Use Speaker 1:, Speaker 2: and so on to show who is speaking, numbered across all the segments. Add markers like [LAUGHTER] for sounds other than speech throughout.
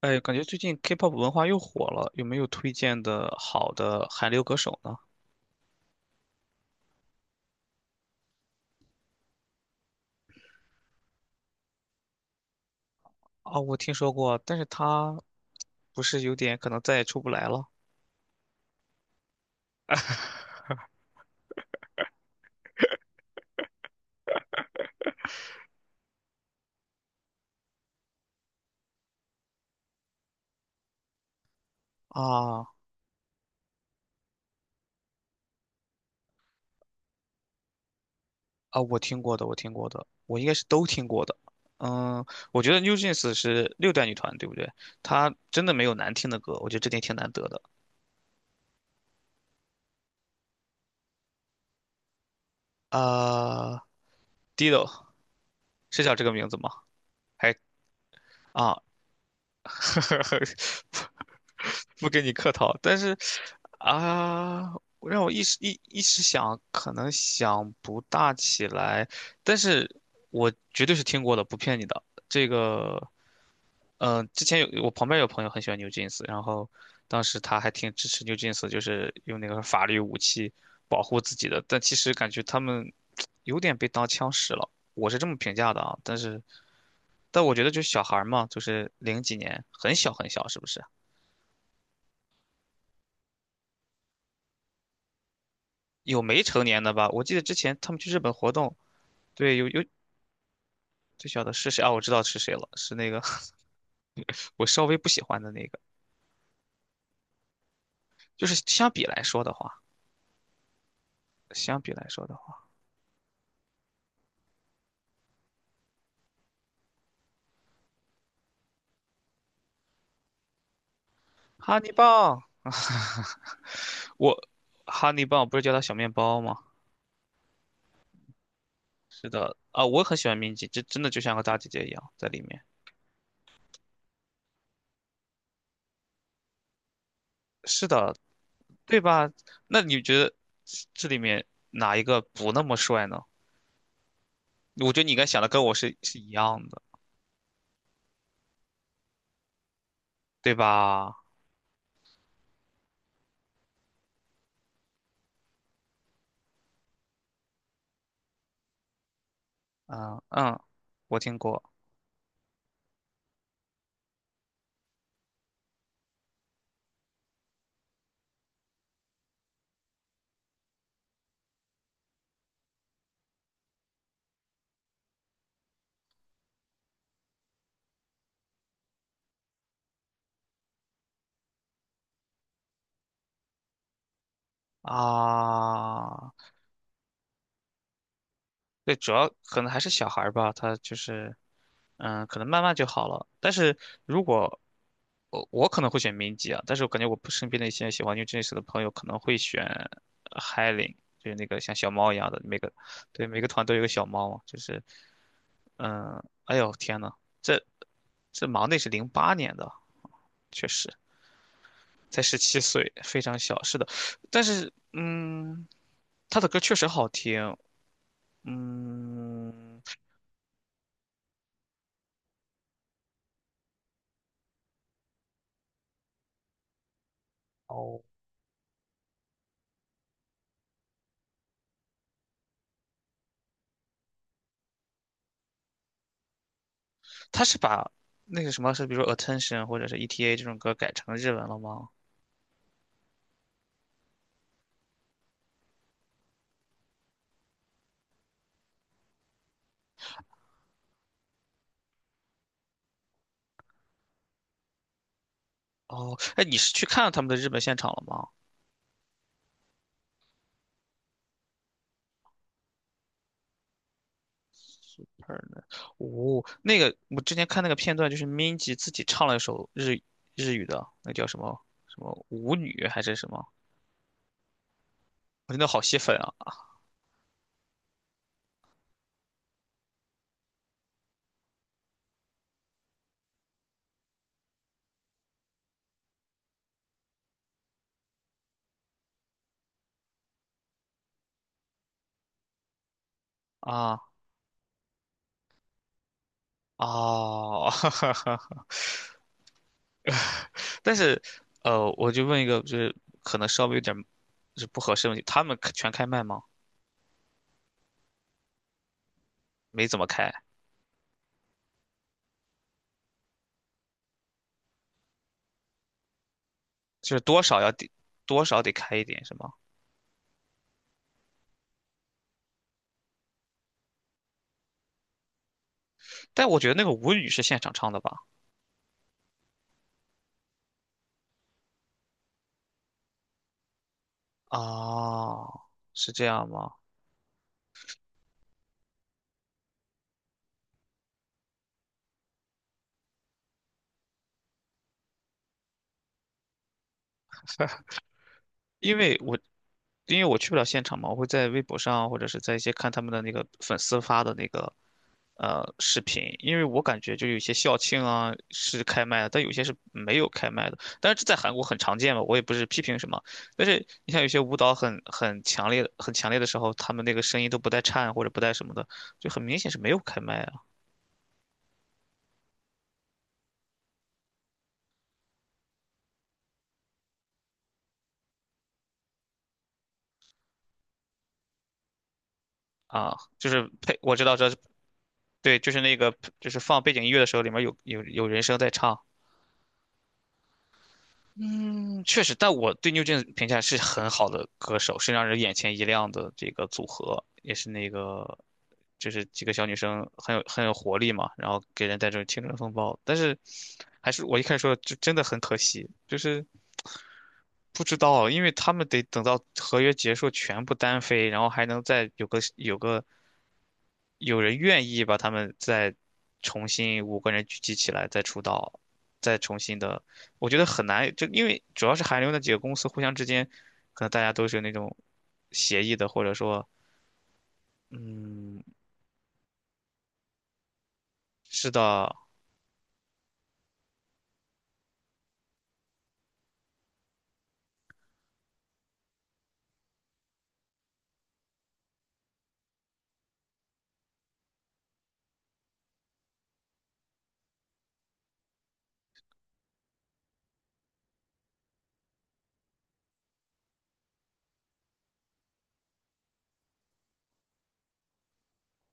Speaker 1: 哎，感觉最近 K-pop 文化又火了，有没有推荐的好的韩流歌手呢？啊，我听说过，但是他不是有点可能再也出不来了。 [LAUGHS] 啊啊！我听过的，我听过的，我应该是都听过的。嗯，我觉得 NewJeans 是6代女团，对不对？她真的没有难听的歌，我觉得这点挺难得的。啊， d i d o 是叫这个名字吗？还，啊， [LAUGHS] 不不跟你客套，但是啊，让我一时想，可能想不大起来，但是我绝对是听过的，不骗你的。这个，之前有我旁边有朋友很喜欢 New Jeans，然后当时他还挺支持 New Jeans，就是用那个法律武器保护自己的，但其实感觉他们 [TSK] 有点被当枪使了。我是这么评价的啊，但是我觉得就是小孩儿嘛，就是零几年，很小很小，是不是？有没成年的吧？我记得之前他们去日本活动，对，有最小的是谁啊？我知道是谁了，是那个 [LAUGHS] 我稍微不喜欢的那个。就是相比来说的话，相比来说的话，哈尼棒，我哈尼棒不是叫它小面包吗？是的，啊，我很喜欢明吉，这真的就像个大姐姐一样在里面。是的，对吧？那你觉得这里面哪一个不那么帅呢？我觉得你应该想的跟我是一样的，对吧？嗯嗯，我听过。啊，对，主要可能还是小孩儿吧，他就是，嗯，可能慢慢就好了。但是如果我可能会选民籍啊，但是我感觉我身边的一些喜欢 New Jeans 的朋友可能会选 Hailing，就是那个像小猫一样的，对每个团都有个小猫嘛，就是嗯，哎呦天呐，这这忙内是08年的，确实才17岁，非常小。是的，但是嗯，他的歌确实好听，嗯。哦，他是把那个什么是，比如说 attention 或者是 ETA 这种歌改成日文了吗？哦，哎，你是去看了他们的日本现场了吗？Super，呢。哦，那个我之前看那个片段，就是 Minji 自己唱了一首日语的，那叫什么什么舞女还是什么？我真的好吸粉啊。啊哦，[LAUGHS] 但是我就问一个，就是可能稍微有点就是不合适的问题，他们全开麦吗？没怎么开。就是多少得开一点是吗？但我觉得那个舞女是现场唱的吧？啊，是这样吗？因为我因为我去不了现场嘛，我会在微博上或者是在一些看他们的那个粉丝发的那个视频，因为我感觉就有一些校庆啊是开麦的，但有些是没有开麦的。但是这在韩国很常见嘛，我也不是批评什么。但是你像有些舞蹈很强烈、很强烈的时候，他们那个声音都不带颤或者不带什么的，就很明显是没有开麦啊。啊，就是配，我知道这，对，就是那个，就是放背景音乐的时候，里面有人声在唱。嗯，确实，但我对 n e w 评价是很好的歌手，是让人眼前一亮的这个组合，也是那个，就是几个小女生很有活力嘛，然后给人带这种青春风暴。但是，还是我一开始说，就真的很可惜，就是不知道，因为他们得等到合约结束全部单飞，然后还能再有人愿意把他们再重新五个人聚集起来再出道，再重新的，我觉得很难，就因为主要是韩流那几个公司互相之间，可能大家都是有那种协议的，或者说，嗯，是的。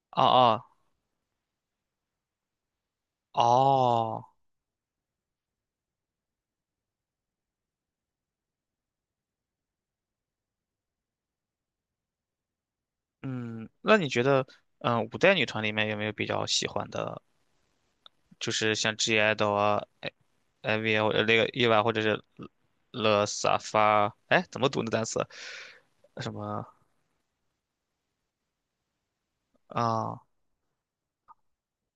Speaker 1: 啊啊，哦，嗯，那你觉得，嗯，5代女团里面有没有比较喜欢的，就是像 G IDOL 啊，I V 啊，或者那个 e v 或者是 l 萨 SAFA，哎，怎么读那单词？什么啊？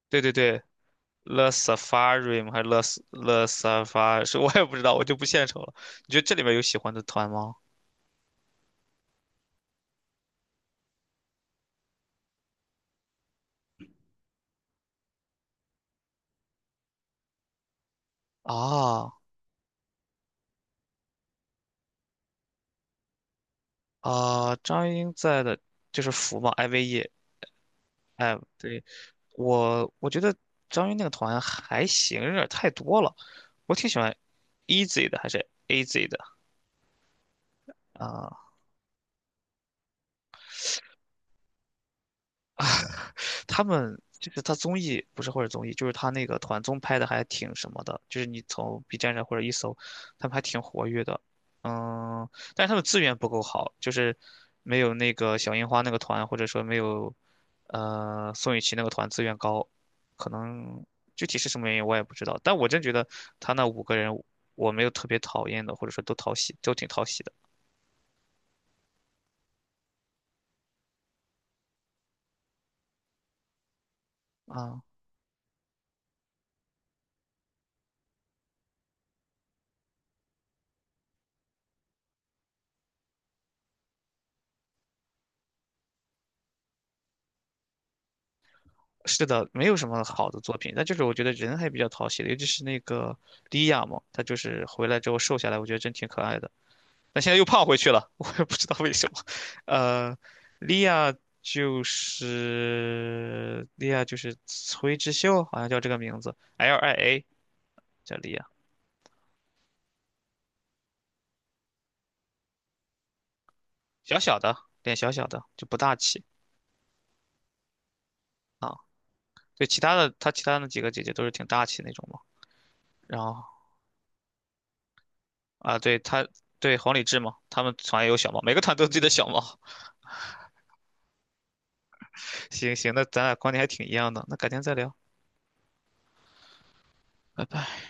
Speaker 1: 对对对，Le Safari 吗？还是 Le s a f a r 是 [LAUGHS] 我也不知道，我就不献丑了。你觉得这里面有喜欢的团吗？啊啊，张英在的就是福嘛，IVE。哎，对我觉得张英那个团还行，有点太多了。我挺喜欢 e a s y 的，还是 AZ 的啊？他们就是他综艺不是或者综艺，就是他那个团综拍的还挺什么的，就是你从 B 站上或者一搜，他们还挺活跃的。嗯，但是他们资源不够好，就是没有那个小樱花那个团，或者说没有宋雨琦那个团资源高，可能具体是什么原因我也不知道。但我真觉得他那五个人，我没有特别讨厌的，或者说都讨喜，都挺讨喜的啊。是的，没有什么好的作品，但就是我觉得人还比较讨喜的，尤其是那个莉亚嘛，她就是回来之后瘦下来，我觉得真挺可爱的。但现在又胖回去了，[LAUGHS] 我也不知道为什么。呃，莉亚就是崔智秀，好像叫这个名字，LIA 叫莉亚，小小的，脸小小的，就不大气啊。对，其他的她其他的几个姐姐都是挺大气那种嘛。然后啊，对黄礼志嘛，他们团也有小猫，每个团都有自己的小猫。行行，那咱俩观点还挺一样的，那改天再聊，拜拜。